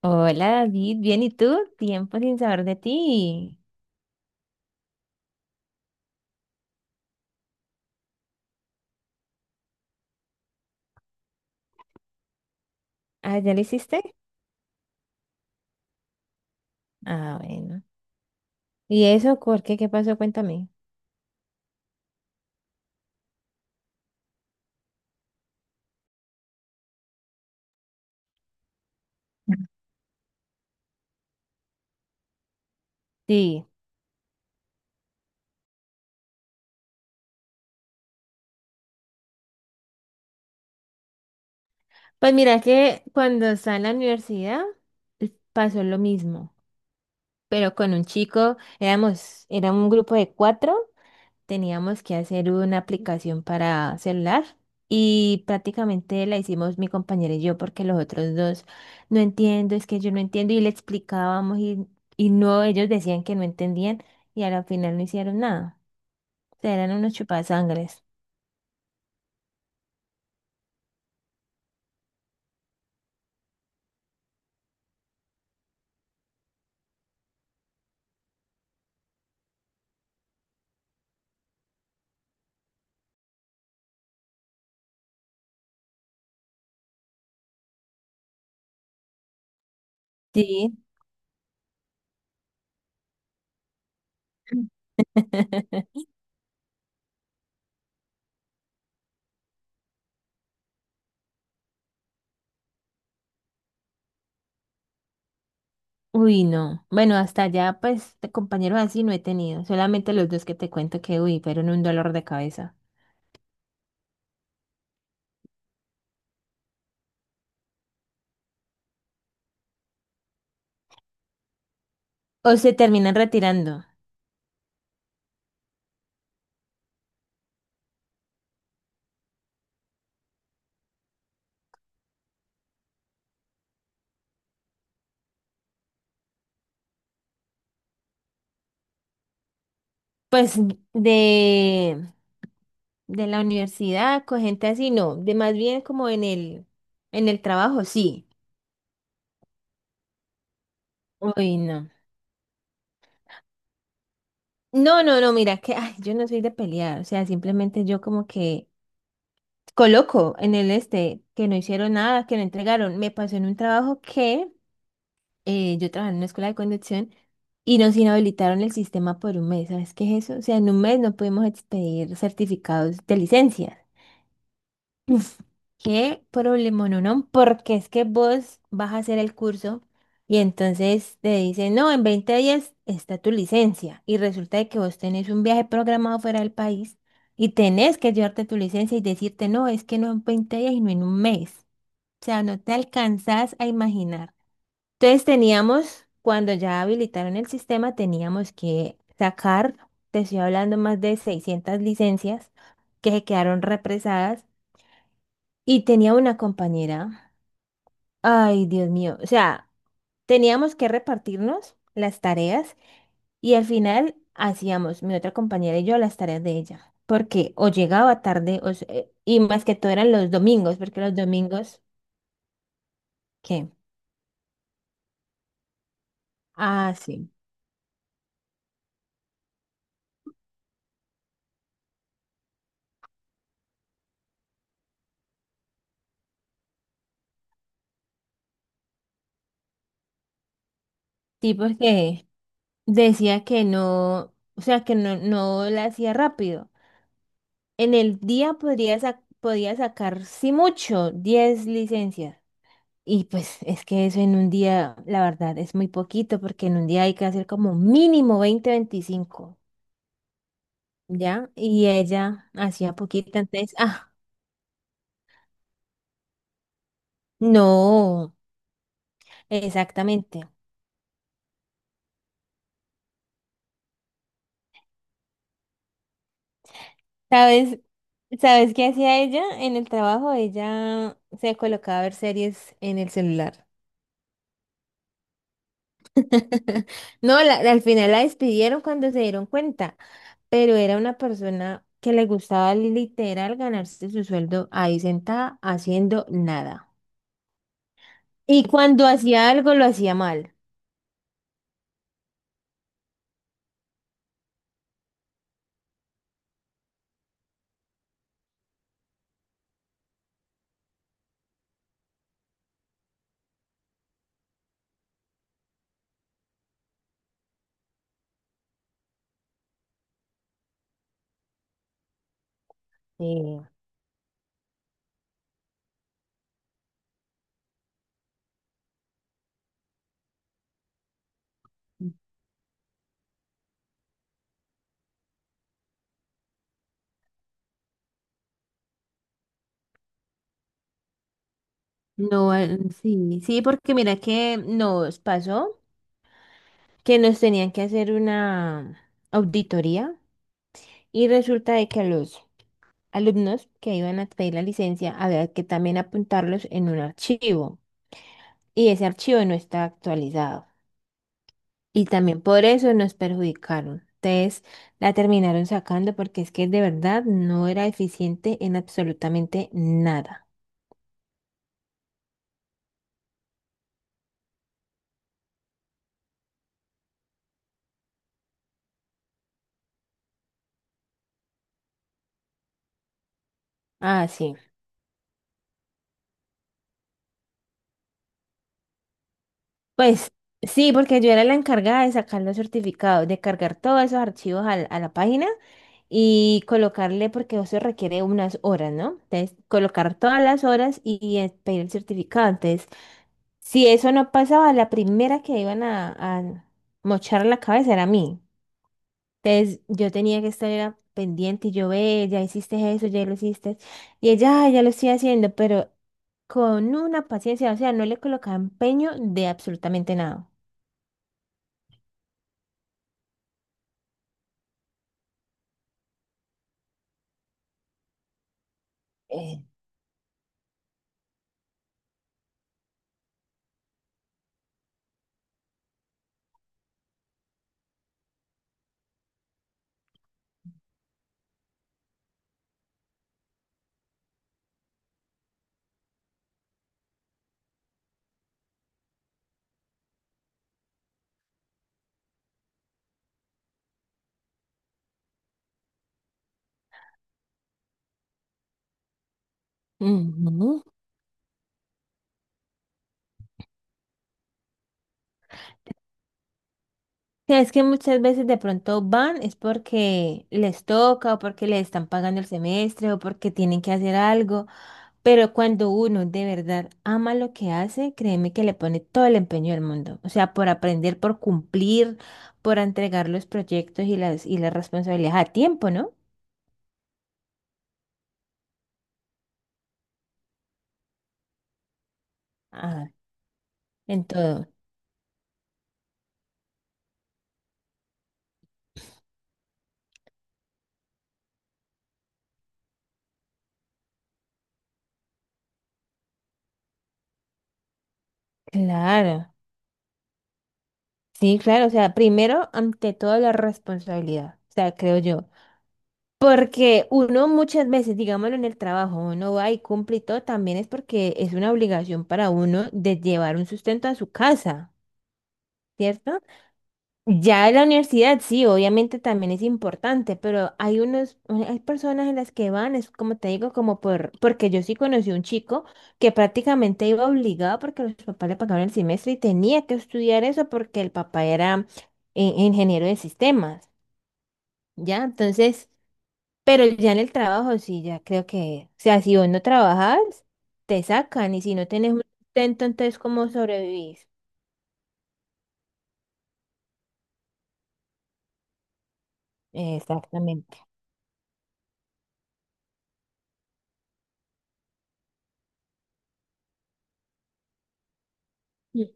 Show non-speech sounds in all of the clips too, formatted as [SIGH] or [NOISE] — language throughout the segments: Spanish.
Hola David, bien, ¿y tú? Tiempo sin saber de ti. Ah, ¿ya lo hiciste? Ah, bueno. ¿Y eso por qué? ¿Qué pasó? Cuéntame. Sí. Pues mira que cuando estaba en la universidad pasó lo mismo, pero con un chico, era un grupo de cuatro, teníamos que hacer una aplicación para celular y prácticamente la hicimos mi compañera y yo porque los otros dos no entiendo, es que yo no entiendo y le explicábamos y no, ellos decían que no entendían y a la final no hicieron nada. O sea, eran unos chupasangres. Sí. [LAUGHS] Uy, no. Bueno, hasta allá, pues, de compañeros así no he tenido. Solamente los dos que te cuento que, uy, fueron un dolor de cabeza. O se terminan retirando. Pues de, de la universidad, con gente así, no, de más bien como en el trabajo, sí. Uy, no. No, no, no, mira, que ay, yo no soy de pelear, o sea, simplemente yo como que coloco en el este que no hicieron nada, que no entregaron. Me pasó en un trabajo que yo trabajaba en una escuela de conducción y nos inhabilitaron el sistema por un mes. ¿Sabes qué es eso? O sea, en un mes no pudimos expedir certificados de licencia. Uf, qué problema, no, porque es que vos vas a hacer el curso y entonces te dicen, no, en 20 días está tu licencia y resulta de que vos tenés un viaje programado fuera del país y tenés que llevarte tu licencia y decirte, no, es que no en 20 días y no en un mes. O sea, no te alcanzás a imaginar. Entonces teníamos, cuando ya habilitaron el sistema, teníamos que sacar, te estoy hablando, más de 600 licencias que se quedaron represadas, y tenía una compañera. Ay, Dios mío. O sea, teníamos que repartirnos las tareas y al final hacíamos mi otra compañera y yo las tareas de ella, porque o llegaba tarde o se- y más que todo eran los domingos, porque los domingos, ¿qué? Ah, sí. Sí, porque decía que no, o sea, que no, no la hacía rápido. En el día podría, sa- podía sacar, sí mucho, 10 licencias. Y pues es que eso en un día, la verdad, es muy poquito porque en un día hay que hacer como mínimo 20 25 ¿ya? Y ella hacía poquito, entonces, ah, no, exactamente. ¿Sabes? ¿Sabes qué hacía ella en el trabajo? Ella se colocaba a ver series en el celular. [LAUGHS] No, al final la despidieron cuando se dieron cuenta, pero era una persona que le gustaba literal ganarse su sueldo ahí sentada haciendo nada. Y cuando hacía algo lo hacía mal. Eh, No, sí, sí, porque mira que nos pasó que nos tenían que hacer una auditoría y resulta de que a los alumnos que iban a pedir la licencia había que también apuntarlos en un archivo, y ese archivo no está actualizado y también por eso nos perjudicaron. Entonces la terminaron sacando porque es que de verdad no era eficiente en absolutamente nada. Ah, sí. Pues sí, porque yo era la encargada de sacar los certificados, de cargar todos esos archivos a la página y colocarle, porque eso requiere unas horas, ¿no? Entonces, colocar todas las horas y pedir el certificado. Entonces, si eso no pasaba, la primera que iban a mochar la cabeza era a mí. Entonces, yo tenía que estar era pendiente y yo, ve, ya hiciste eso, ya lo hiciste. Y ella, "Ay, ya lo estoy haciendo", pero con una paciencia, o sea, no le colocaba empeño de absolutamente nada. Ujú. Sí, es que muchas veces de pronto van es porque les toca o porque les están pagando el semestre o porque tienen que hacer algo, pero cuando uno de verdad ama lo que hace, créeme que le pone todo el empeño del mundo, o sea, por aprender, por cumplir, por entregar los proyectos y las responsabilidades a tiempo, ¿no? Ah, en todo. Claro, sí, claro, o sea, primero, ante todo, la responsabilidad, o sea, creo yo. Porque uno muchas veces, digámoslo en el trabajo, uno va y cumple y todo, también es porque es una obligación para uno de llevar un sustento a su casa, ¿cierto? Ya en la universidad, sí, obviamente también es importante, pero hay unos, hay personas en las que van, es como te digo, como por, porque yo sí conocí un chico que prácticamente iba obligado porque los papás le pagaban el semestre y tenía que estudiar eso porque el papá era ingeniero de sistemas, ¿ya? Entonces... Pero ya en el trabajo sí, ya creo que, o sea, si vos no trabajas, te sacan, y si no tenés un sustento, entonces ¿cómo sobrevivís? Exactamente. Mm.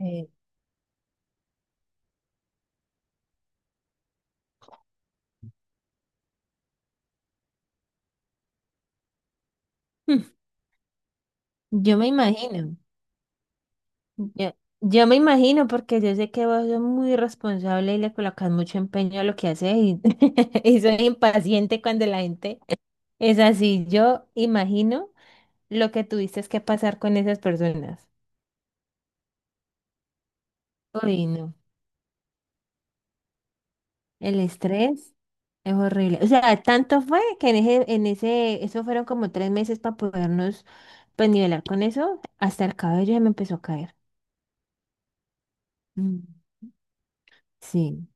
Eh, mm, yo me imagino, yo, yo me imagino porque yo sé que vos sos muy responsable y le colocas mucho empeño a lo que haces y, [LAUGHS] y soy impaciente cuando la gente es así. Yo imagino lo que tuviste que pasar con esas personas. Uy, no. El estrés es horrible. O sea, tanto fue que eso fueron como 3 meses para podernos, pues, nivelar con eso. Hasta el cabello ya me empezó a caer. Mm. Sí.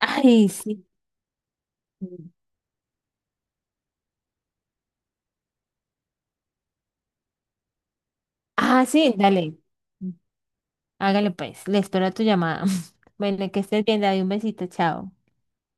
Ay, sí. Ah, sí, dale. Hágale pues. Le espero a tu llamada. [LAUGHS] Bueno, que estés bien, David. Un besito, chao.